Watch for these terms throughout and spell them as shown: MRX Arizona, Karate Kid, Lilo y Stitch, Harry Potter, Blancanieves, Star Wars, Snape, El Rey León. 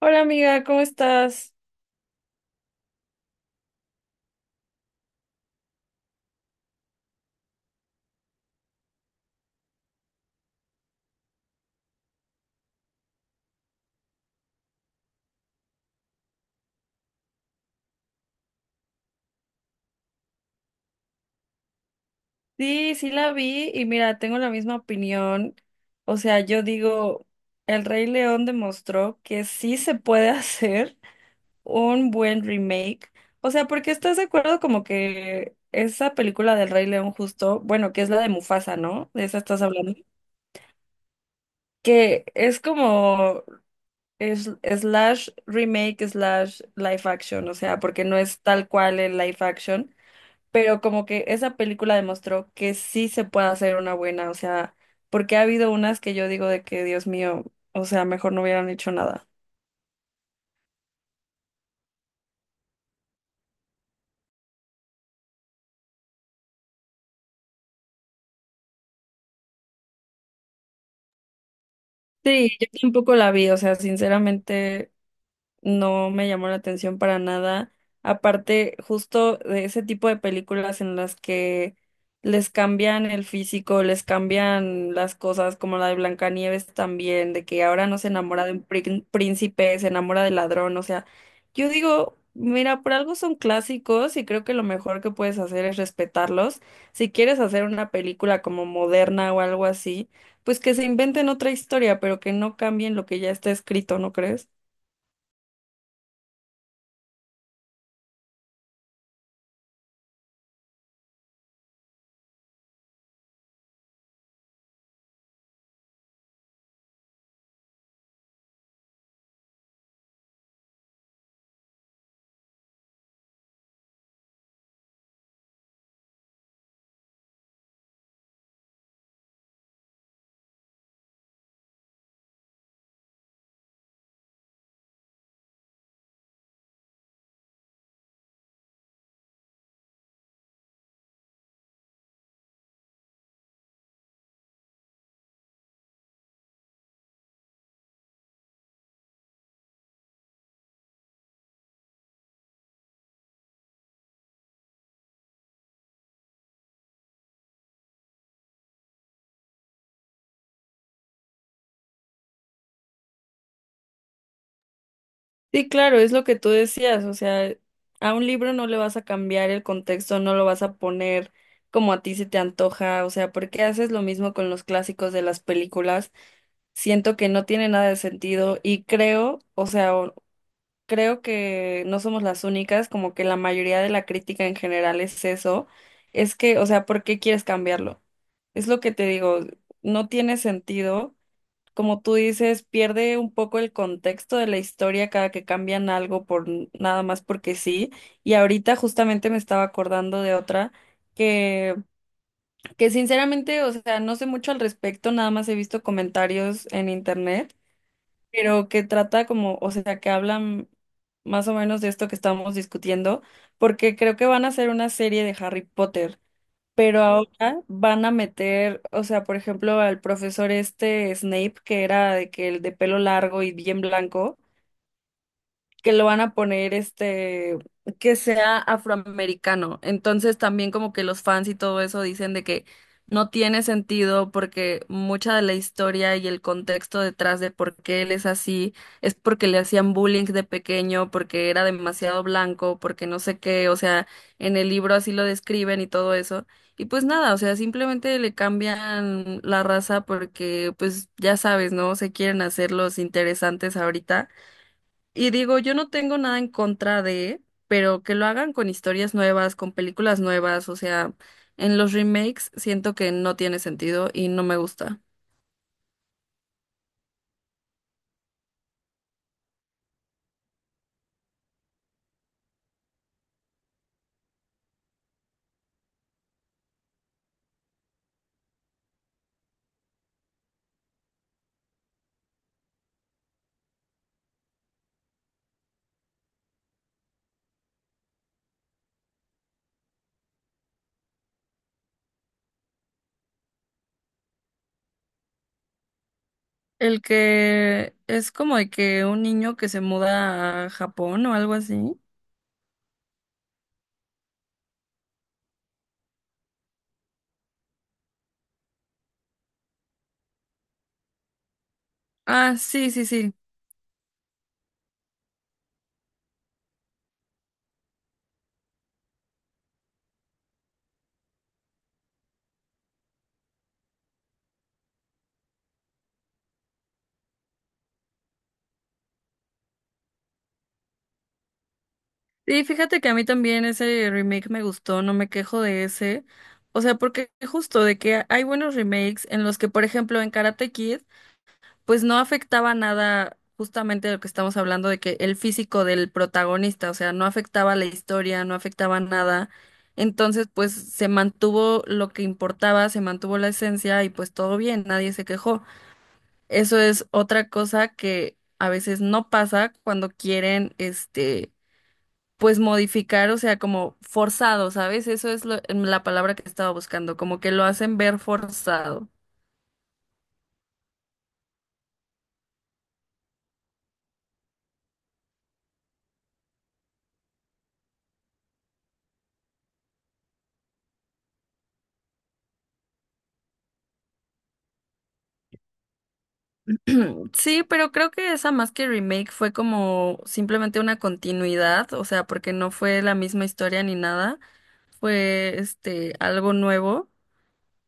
Hola amiga, ¿cómo estás? Sí, sí la vi y mira, tengo la misma opinión. O sea, yo digo, El Rey León demostró que sí se puede hacer un buen remake. O sea, porque estás de acuerdo como que esa película del Rey León justo, bueno, que es la de Mufasa, ¿no? De esa estás hablando. Que es como es, slash remake slash live action, o sea, porque no es tal cual el live action pero como que esa película demostró que sí se puede hacer una buena, o sea, porque ha habido unas que yo digo de que, Dios mío, o sea, mejor no hubieran hecho nada. Sí, yo tampoco la vi, o sea, sinceramente. No me llamó la atención para nada. Aparte, justo de ese tipo de películas en las que les cambian el físico, les cambian las cosas, como la de Blancanieves también, de que ahora no se enamora de un príncipe, se enamora del ladrón, o sea, yo digo, mira, por algo son clásicos y creo que lo mejor que puedes hacer es respetarlos. Si quieres hacer una película como moderna o algo así, pues que se inventen otra historia, pero que no cambien lo que ya está escrito, ¿no crees? Sí, claro, es lo que tú decías, o sea, a un libro no le vas a cambiar el contexto, no lo vas a poner como a ti se te antoja, o sea, ¿por qué haces lo mismo con los clásicos de las películas? Siento que no tiene nada de sentido y creo, o sea, creo que no somos las únicas, como que la mayoría de la crítica en general es eso, es que, o sea, ¿por qué quieres cambiarlo? Es lo que te digo, no tiene sentido como tú dices, pierde un poco el contexto de la historia cada que cambian algo por nada más porque sí. Y ahorita justamente me estaba acordando de otra que, que sinceramente, o sea, no sé mucho al respecto, nada más he visto comentarios en internet, pero que trata como, o sea, que hablan más o menos de esto que estamos discutiendo, porque creo que van a hacer una serie de Harry Potter. Pero ahora van a meter, o sea, por ejemplo, al profesor este Snape, que era de que el de pelo largo y bien blanco, que lo van a poner este, que sea afroamericano. Entonces también como que los fans y todo eso dicen de que no tiene sentido porque mucha de la historia y el contexto detrás de por qué él es así es porque le hacían bullying de pequeño, porque era demasiado blanco, porque no sé qué, o sea, en el libro así lo describen y todo eso. Y pues nada, o sea, simplemente le cambian la raza porque pues ya sabes, ¿no? Se quieren hacer los interesantes ahorita. Y digo, yo no tengo nada en contra de, pero que lo hagan con historias nuevas, con películas nuevas, o sea, en los remakes siento que no tiene sentido y no me gusta. El que es como de que un niño que se muda a Japón o algo así. Ah, sí, sí, sí. Sí, fíjate que a mí también ese remake me gustó, no me quejo de ese. O sea, porque justo de que hay buenos remakes en los que, por ejemplo, en Karate Kid pues no afectaba nada justamente de lo que estamos hablando de que el físico del protagonista, o sea, no afectaba la historia, no afectaba nada. Entonces, pues se mantuvo lo que importaba, se mantuvo la esencia y pues todo bien, nadie se quejó. Eso es otra cosa que a veces no pasa cuando quieren, este, pues modificar, o sea, como forzado, ¿sabes? Eso es lo- la palabra que estaba buscando, como que lo hacen ver forzado. Sí, pero creo que esa más que remake fue como simplemente una continuidad, o sea, porque no fue la misma historia ni nada, fue este algo nuevo.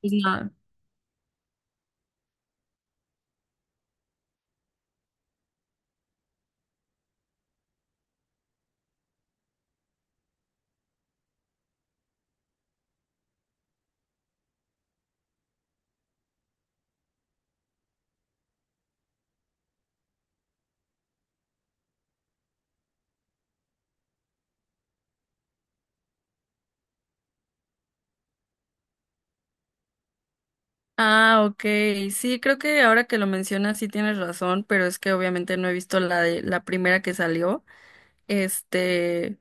No. Ah, ok. Sí, creo que ahora que lo mencionas sí tienes razón, pero es que obviamente no he visto la de la primera que salió. Este,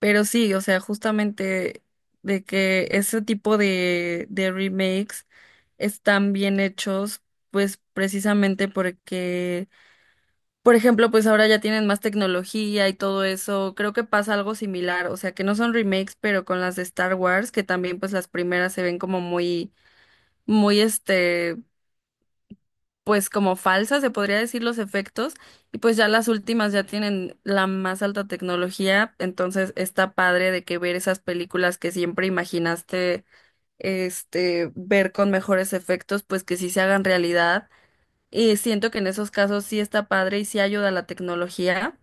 pero sí, o sea, justamente de que ese tipo de remakes están bien hechos, pues precisamente porque por ejemplo, pues ahora ya tienen más tecnología y todo eso. Creo que pasa algo similar, o sea, que no son remakes, pero con las de Star Wars, que también pues las primeras se ven como muy, muy este, pues como falsas, se podría decir los efectos, y pues ya las últimas ya tienen la más alta tecnología, entonces está padre de que ver esas películas que siempre imaginaste, este, ver con mejores efectos, pues que sí se hagan realidad. Y siento que en esos casos sí está padre y sí ayuda la tecnología.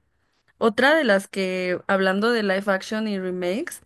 Otra de las que, hablando de live action y remakes,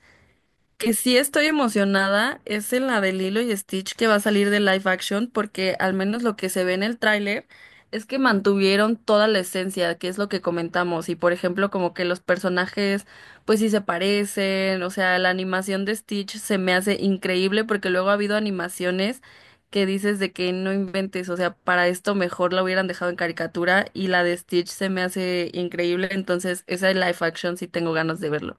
que sí estoy emocionada es en la de Lilo y Stitch que va a salir de live action, porque al menos lo que se ve en el tráiler es que mantuvieron toda la esencia, que es lo que comentamos, y por ejemplo como que los personajes pues sí se parecen, o sea, la animación de Stitch se me hace increíble porque luego ha habido animaciones que dices de que no inventes, o sea, para esto mejor la hubieran dejado en caricatura y la de Stitch se me hace increíble, entonces esa de live action sí tengo ganas de verlo.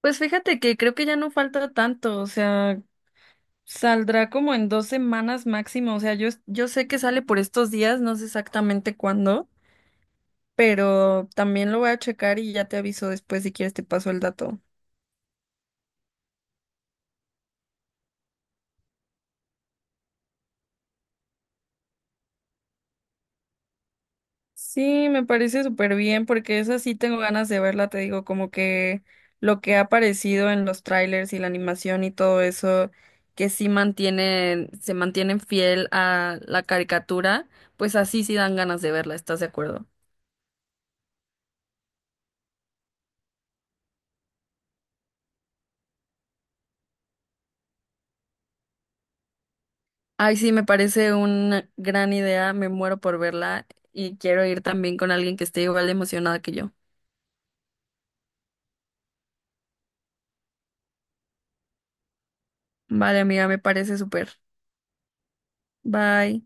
Pues fíjate que creo que ya no falta tanto, o sea, saldrá como en 2 semanas máximo, o sea, yo sé que sale por estos días, no sé exactamente cuándo, pero también lo voy a checar y ya te aviso después si quieres te paso el dato. Sí, me parece súper bien porque esa sí tengo ganas de verla, te digo, como que lo que ha aparecido en los trailers y la animación y todo eso, que sí mantienen, se mantienen fiel a la caricatura, pues así sí dan ganas de verla, ¿estás de acuerdo? Ay, sí, me parece una gran idea, me muero por verla y quiero ir también con alguien que esté igual de emocionada que yo. Vale, amiga, me parece súper. Bye.